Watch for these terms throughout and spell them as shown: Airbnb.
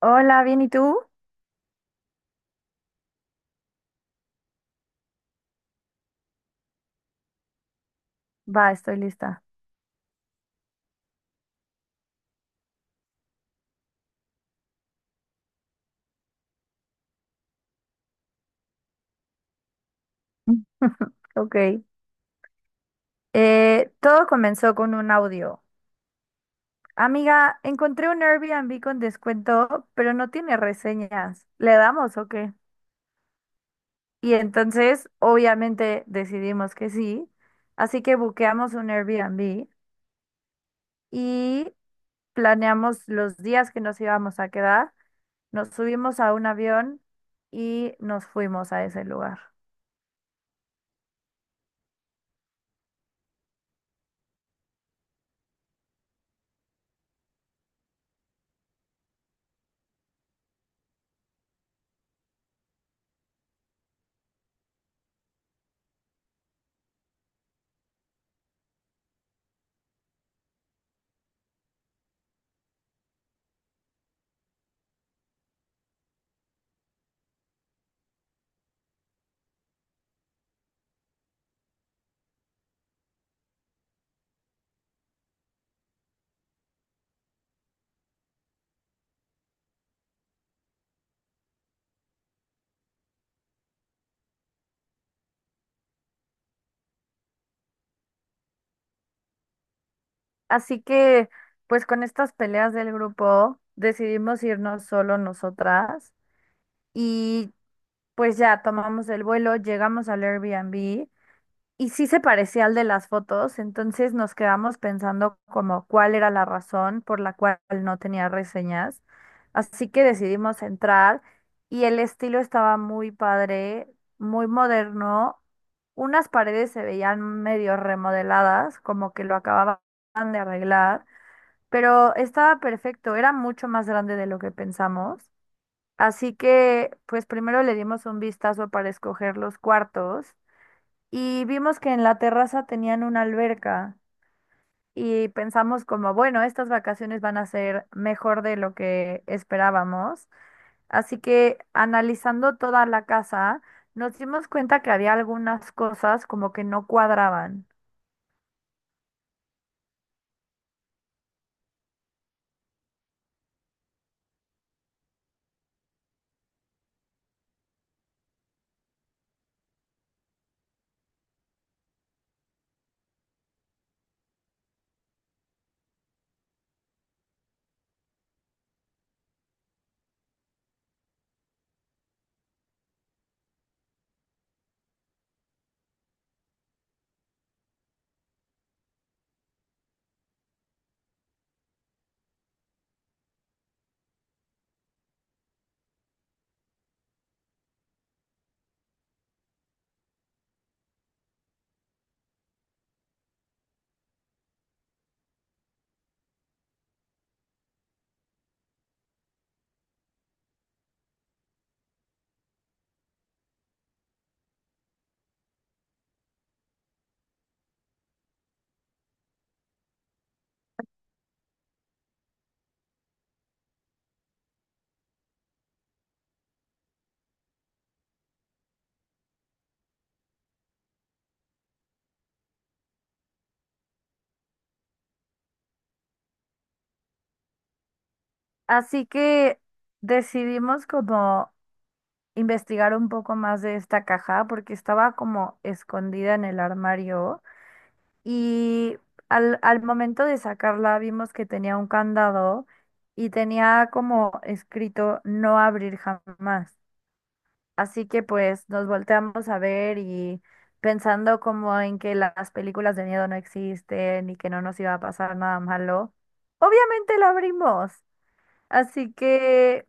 Hola, bien, ¿y tú? Va, estoy lista. Ok. Todo comenzó con un audio. Amiga, encontré un Airbnb con descuento, pero no tiene reseñas. ¿Le damos o qué? Y entonces, obviamente, decidimos que sí. Así que buqueamos un Airbnb y planeamos los días que nos íbamos a quedar. Nos subimos a un avión y nos fuimos a ese lugar. Así que, pues con estas peleas del grupo, decidimos irnos solo nosotras y pues ya tomamos el vuelo, llegamos al Airbnb y sí se parecía al de las fotos, entonces nos quedamos pensando como cuál era la razón por la cual no tenía reseñas. Así que decidimos entrar y el estilo estaba muy padre, muy moderno. Unas paredes se veían medio remodeladas, como que lo acababan de arreglar, pero estaba perfecto, era mucho más grande de lo que pensamos. Así que, pues primero le dimos un vistazo para escoger los cuartos y vimos que en la terraza tenían una alberca y pensamos como, bueno, estas vacaciones van a ser mejor de lo que esperábamos. Así que analizando toda la casa, nos dimos cuenta que había algunas cosas como que no cuadraban. Así que decidimos como investigar un poco más de esta caja porque estaba como escondida en el armario y al momento de sacarla vimos que tenía un candado y tenía como escrito no abrir jamás. Así que pues nos volteamos a ver y pensando como en que las películas de miedo no existen y que no nos iba a pasar nada malo, obviamente la abrimos. Así que,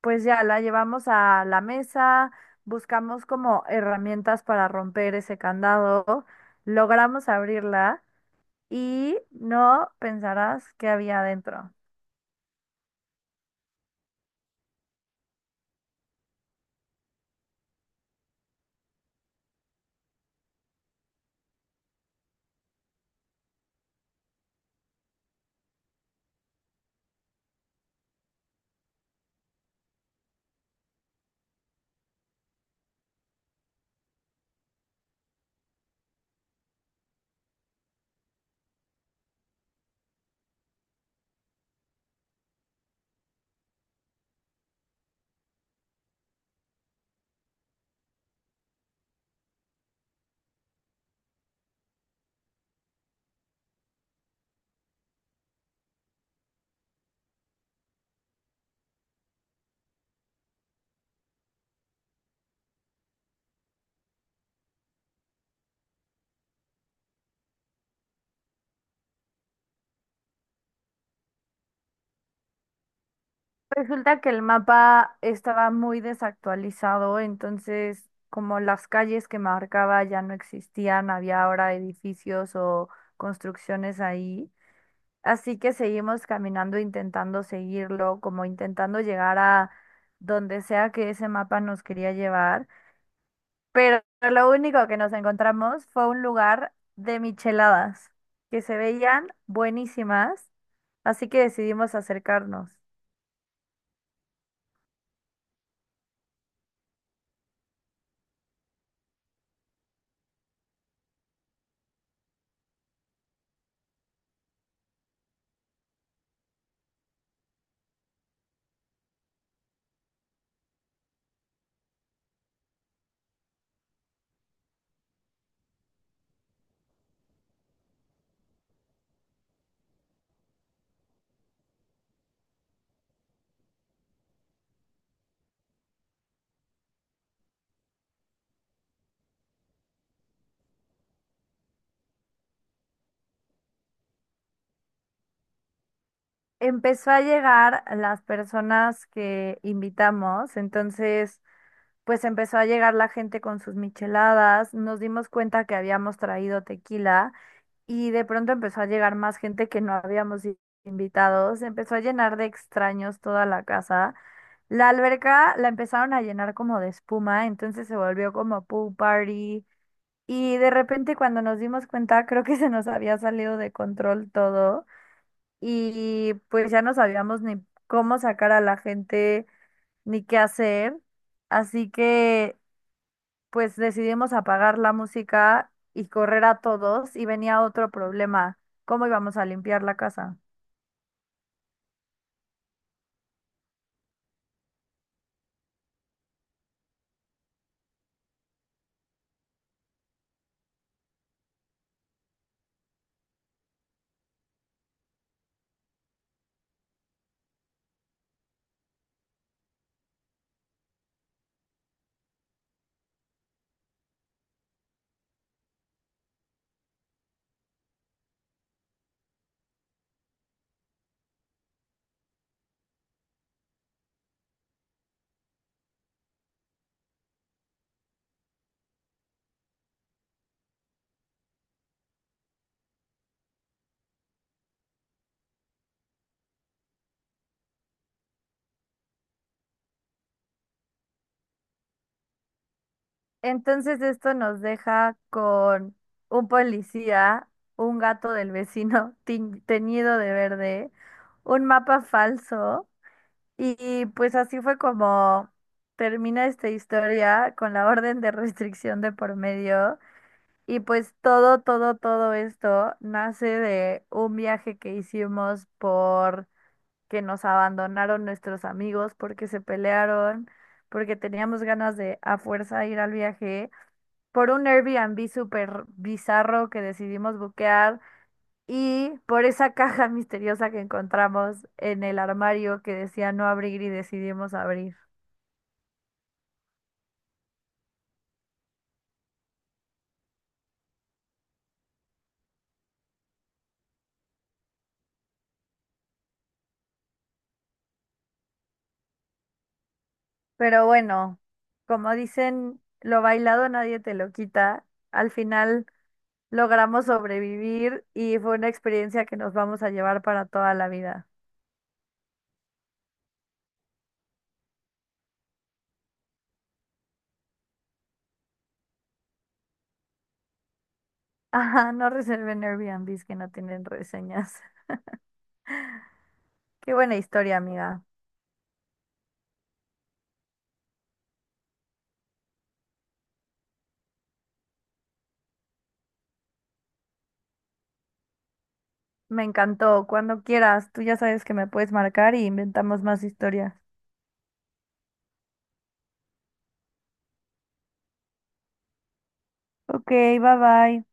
pues ya la llevamos a la mesa, buscamos como herramientas para romper ese candado, logramos abrirla y no pensarás qué había adentro. Resulta que el mapa estaba muy desactualizado, entonces como las calles que marcaba ya no existían, había ahora edificios o construcciones ahí. Así que seguimos caminando, intentando seguirlo, como intentando llegar a donde sea que ese mapa nos quería llevar. Pero lo único que nos encontramos fue un lugar de micheladas, que se veían buenísimas, así que decidimos acercarnos. Empezó a llegar las personas que invitamos, entonces pues empezó a llegar la gente con sus micheladas, nos dimos cuenta que habíamos traído tequila. Y de pronto empezó a llegar más gente que no habíamos invitado. Se empezó a llenar de extraños toda la casa. La alberca la empezaron a llenar como de espuma, entonces se volvió como pool party. Y de repente cuando nos dimos cuenta, creo que se nos había salido de control todo. Y pues ya no sabíamos ni cómo sacar a la gente, ni qué hacer. Así que pues decidimos apagar la música y correr a todos y venía otro problema, ¿cómo íbamos a limpiar la casa? Entonces esto nos deja con un policía, un gato del vecino teñido de verde, un mapa falso y pues así fue como termina esta historia con la orden de restricción de por medio. Y pues todo, todo, todo esto nace de un viaje que hicimos por que nos abandonaron nuestros amigos porque se pelearon, porque teníamos ganas de a fuerza ir al viaje, por un Airbnb súper bizarro que decidimos buquear y por esa caja misteriosa que encontramos en el armario que decía no abrir y decidimos abrir. Pero bueno, como dicen, lo bailado nadie te lo quita. Al final logramos sobrevivir y fue una experiencia que nos vamos a llevar para toda la vida. Ajá, no reserven Airbnbs que no tienen reseñas. Qué buena historia, amiga. Me encantó. Cuando quieras, tú ya sabes que me puedes marcar y inventamos más historias. Ok, bye bye.